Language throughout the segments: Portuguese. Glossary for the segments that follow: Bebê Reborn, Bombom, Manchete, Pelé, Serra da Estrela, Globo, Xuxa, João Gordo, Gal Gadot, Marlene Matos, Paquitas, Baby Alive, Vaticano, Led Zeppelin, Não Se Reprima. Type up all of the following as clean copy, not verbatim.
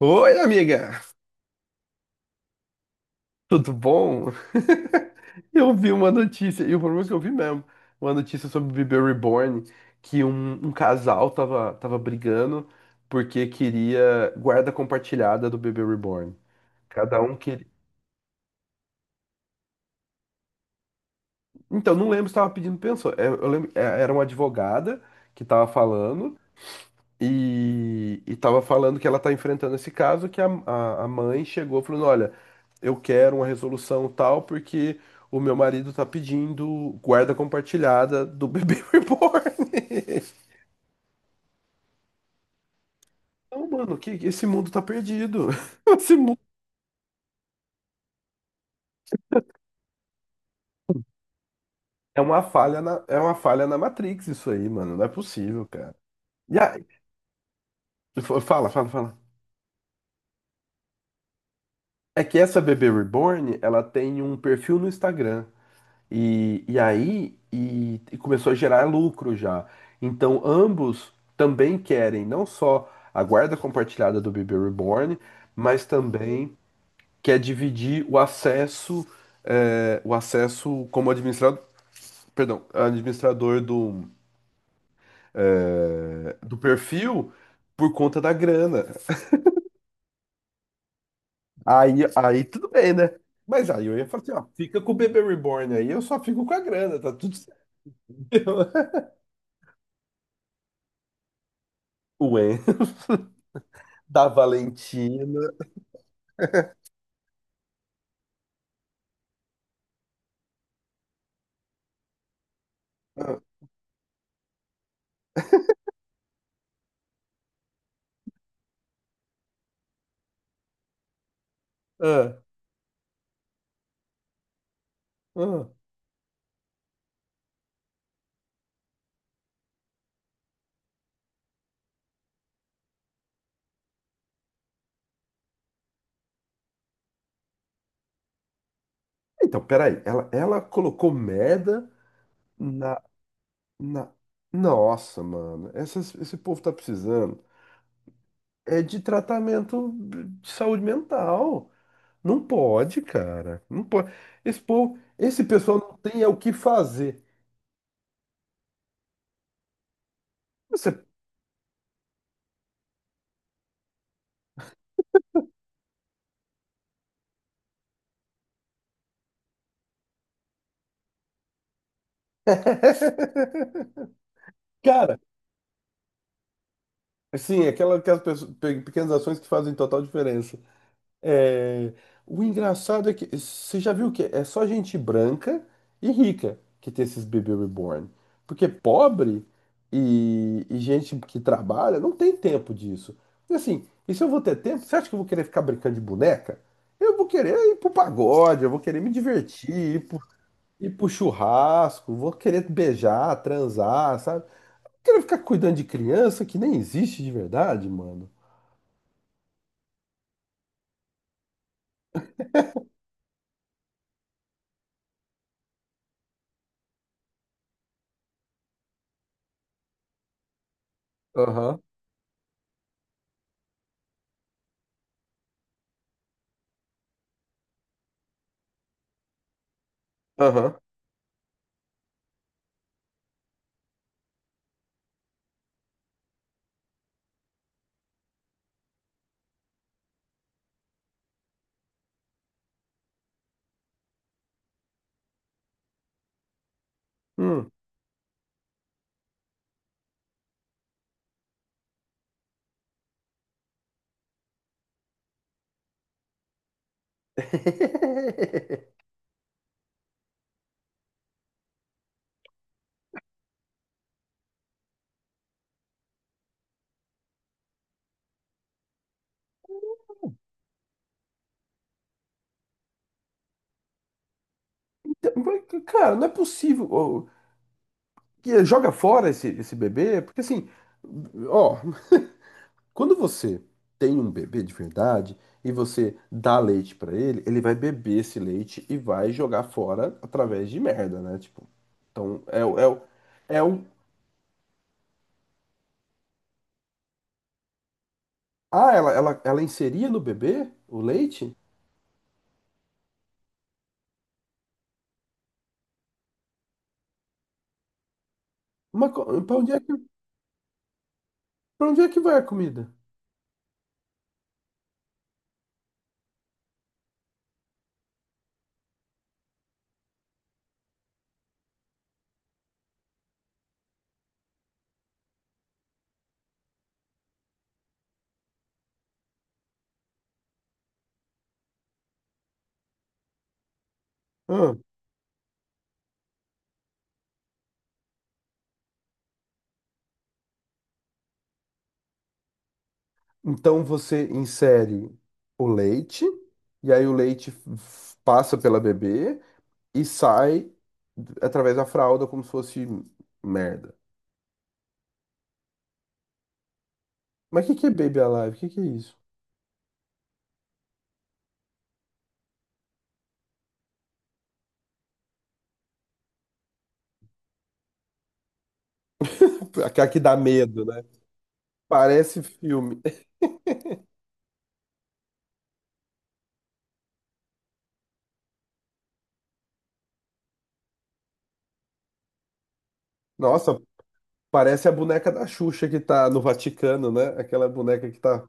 Oi, amiga! Tudo bom? Eu vi uma notícia, e o problema é que eu vi mesmo, uma notícia sobre Bebê Reborn, que um casal tava brigando porque queria guarda compartilhada do Bebê Reborn. Cada um queria. Então, não lembro se tava pedindo pensão. Eu lembro, era uma advogada que tava falando. E tava falando que ela tá enfrentando esse caso, que a mãe chegou falando, olha, eu quero uma resolução tal, porque o meu marido tá pedindo guarda compartilhada do bebê reborn. Não, mano, que esse mundo tá perdido. Esse mundo é uma falha na Matrix isso aí, mano. Não é possível, cara. E aí, fala, fala, fala. É que essa bebê reborn, ela tem um perfil no Instagram. E aí começou a gerar lucro já. Então ambos também querem não só a guarda compartilhada do bebê reborn, mas também quer dividir o acesso, o acesso como administrador, perdão, administrador do, do perfil por conta da grana. Aí tudo bem, né? Mas aí eu ia falar assim, ó, fica com o bebê reborn aí, eu só fico com a grana, tá tudo certo. O En da Valentina. Ah, ah. Então, peraí, ela colocou merda na, na. Nossa, mano, esse povo tá precisando. É de tratamento de saúde mental. Não pode, cara. Não pode. Esse povo, esse pessoal não tem é o que fazer. Você- Cara, assim, aquela, aquelas pessoas- pe- pequenas ações que fazem total diferença. É, o engraçado é que você já viu que é só gente branca e rica que tem esses bebê reborn. Porque pobre e gente que trabalha não tem tempo disso. E assim, e se eu vou ter tempo, você acha que eu vou querer ficar brincando de boneca? Eu vou querer ir pro pagode, eu vou querer me divertir, ir pro, ir pro churrasco, vou querer beijar, transar, sabe? Não quero ficar cuidando de criança que nem existe de verdade, mano. Aham, aham. Hum. Mas, cara, não é possível. Ó, que joga fora esse, esse bebê, porque assim, ó, quando você tem um bebê de verdade e você dá leite pra ele, ele vai beber esse leite e vai jogar fora através de merda, né? Tipo, então é, o- é, o- é um. Ah, ela inseria no bebê o leite? Pra onde é que, para onde é que vai a comida? Hã? Então você insere o leite, e aí o leite passa pela bebê e sai através da fralda como se fosse merda. Mas o que que é Baby Alive? O que que é isso? Aquela que dá medo, né? Parece filme. Nossa, parece a boneca da Xuxa que tá no Vaticano, né? Aquela boneca que tá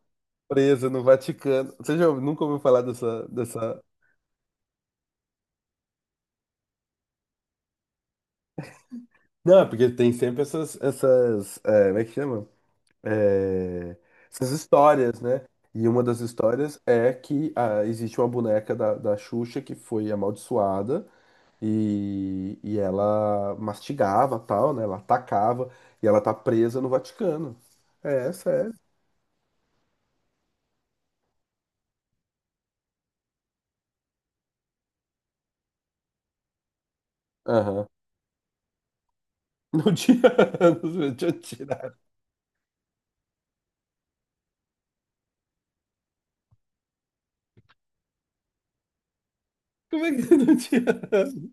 presa no Vaticano. Nunca ouviu falar dessa, dessa... Não, porque tem sempre é, como é que chama? É, essas histórias, né? E uma das histórias é que ah, existe uma boneca da Xuxa que foi amaldiçoada. E ela mastigava tal, né? Ela atacava e ela tá presa no Vaticano. É, sério. Aham. Não tinha anos, meu, deixa eu tirar. Como é que não tinha anos?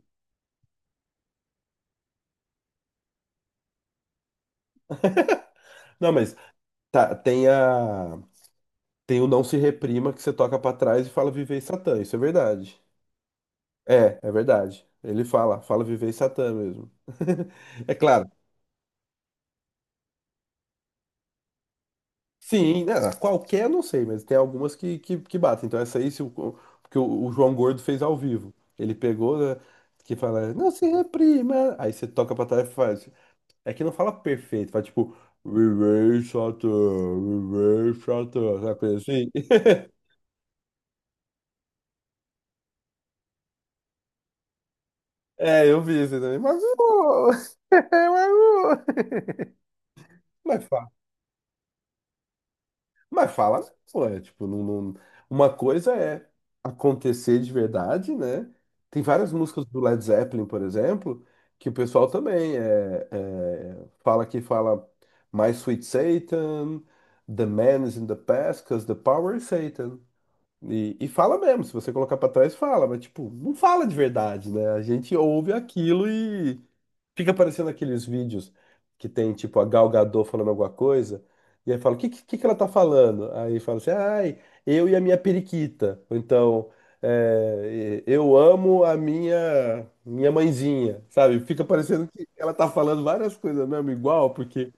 Não, mas tá, tem a. Tem o Não Se Reprima que você toca pra trás e fala Vivei Satã, isso é verdade. É, é verdade. Ele fala, fala Vivei Satã mesmo. É claro. Sim, né, qualquer eu não sei, mas tem algumas que batem. Então essa aí, se o, porque o João Gordo fez ao vivo. Ele pegou, né, que fala, não se reprima. Aí você toca pra trás e faz. É que não fala perfeito, fala tipo, viver chato, viver chato, sabe coisa assim? É, eu vi isso aí também, mas, ô, mas, ô. Mas Mas fala, né, pô, é tipo, uma coisa é acontecer de verdade, né? Tem várias músicas do Led Zeppelin, por exemplo, que o pessoal também fala que fala My Sweet Satan, The Man is in the Past, 'cause the power is Satan. E fala mesmo, se você colocar pra trás, fala, mas tipo, não fala de verdade, né? A gente ouve aquilo. Fica aparecendo aqueles vídeos que tem, tipo, a Gal Gadot falando alguma coisa, e aí fala, o que ela tá falando? Aí fala assim, ai, eu e a minha periquita. Ou então, é, eu amo a minha mãezinha, sabe? Fica parecendo que ela tá falando várias coisas mesmo, igual, porque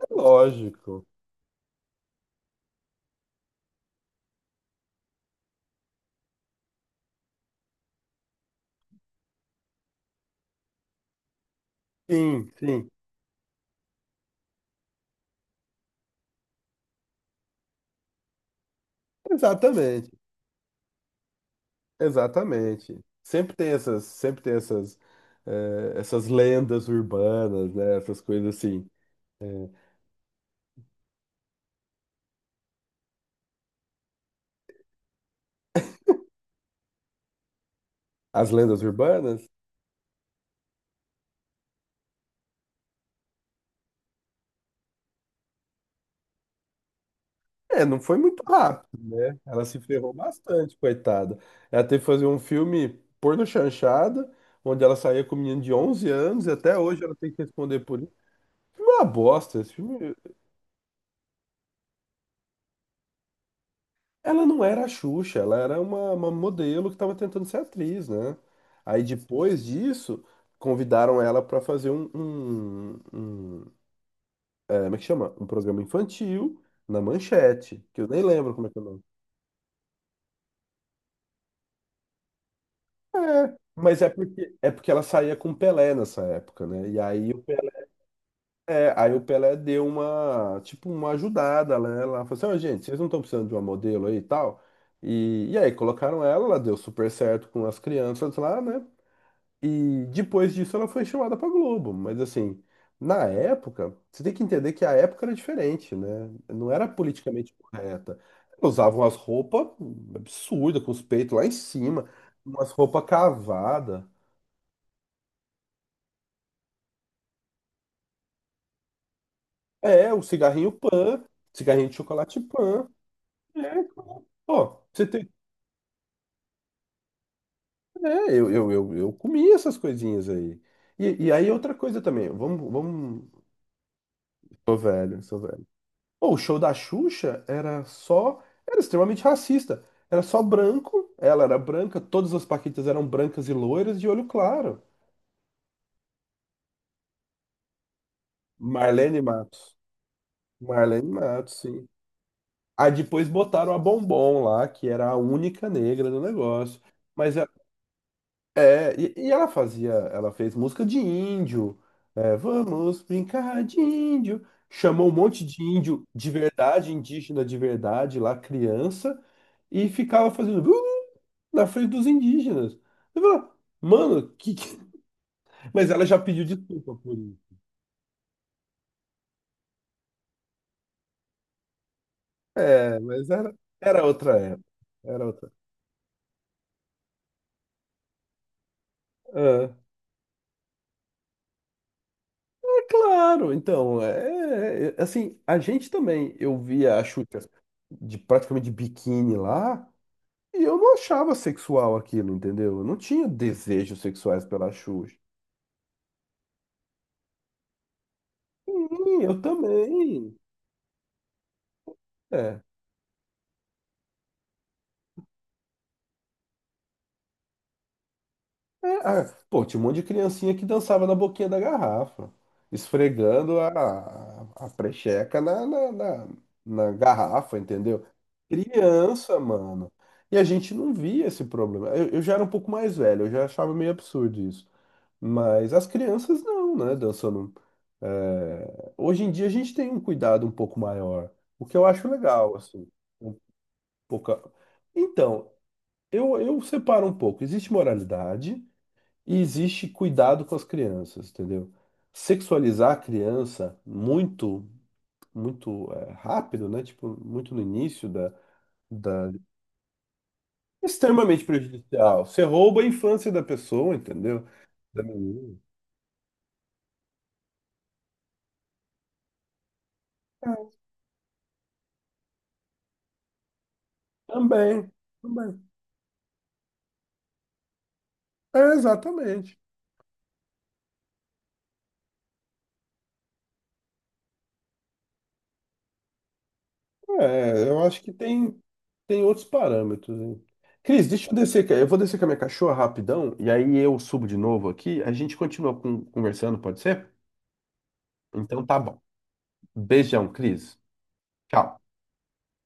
é lógico. Sim, sim. Exatamente, exatamente. Sempre tem essas, essas lendas urbanas, né? Essas coisas assim. As lendas urbanas. É, não foi muito rápido, né? Ela se ferrou bastante, coitada. Ela teve que fazer um filme porno chanchada, onde ela saía com um menino de 11 anos e até hoje ela tem que responder por isso. Esse filme é uma bosta. Esse filme... Ela não era a Xuxa, ela era uma modelo que estava tentando ser atriz, né? Aí depois disso, convidaram ela para fazer é, como é que chama? Um programa infantil na Manchete, que eu nem lembro como é que é o nome. É, mas é porque ela saía com o Pelé nessa época, né? E aí o Pelé deu uma, tipo, uma ajudada, né? Ela falou assim, ó, gente, vocês não estão precisando de uma modelo aí e tal? E aí colocaram ela, ela deu super certo com as crianças lá, né? E depois disso ela foi chamada pra Globo, mas assim, na época, você tem que entender que a época era diferente, né? Não era politicamente correta. Usavam as roupas absurdas, com os peitos lá em cima, umas roupas cavadas. É, o cigarrinho pan, cigarrinho de chocolate pan. É, pô, você tem. É, eu comi essas coisinhas aí. Outra coisa também, vamos, vamos. Sou velho, sou velho. Pô, o show da Xuxa era só. Era extremamente racista. Era só branco, ela era branca, todas as Paquitas eram brancas e loiras de olho claro. Marlene Matos. Marlene Matos, sim. Aí depois botaram a Bombom lá, que era a única negra do negócio. Mas é, e ela fazia, ela fez música de índio, é, vamos brincar de índio. Chamou um monte de índio de verdade, indígena de verdade, lá criança, e ficava fazendo na frente dos indígenas. Eu falava, mano, mas ela já pediu desculpa por isso. É, mas era, era outra época. Era outra. Ah, é, claro, então, assim, a gente também, eu via a Xuxa de praticamente de biquíni lá. E eu não achava sexual aquilo, entendeu? Eu não tinha desejos sexuais pela Xuxa. Sim, eu também. É. É, ah, pô, tinha um monte de criancinha que dançava na boquinha da garrafa, esfregando a precheca na garrafa, entendeu? Criança, mano. E a gente não via esse problema. Eu já era um pouco mais velho, eu já achava meio absurdo isso. Mas as crianças não, né? Dançando. É, hoje em dia a gente tem um cuidado um pouco maior, o que eu acho legal, assim. Um pouco... Então, eu separo um pouco. Existe moralidade e existe cuidado com as crianças, entendeu? Sexualizar a criança muito, muito é, rápido, né? Tipo, muito no início da, da... Extremamente prejudicial. Você rouba a infância da pessoa, entendeu? Da menina. É, também. Também. É, exatamente. É, eu acho que tem, tem outros parâmetros, hein? Cris, deixa eu descer. Eu vou descer com a minha cachorra rapidão e aí eu subo de novo aqui. A gente continua conversando, pode ser? Então tá bom. Beijão, Cris. Tchau.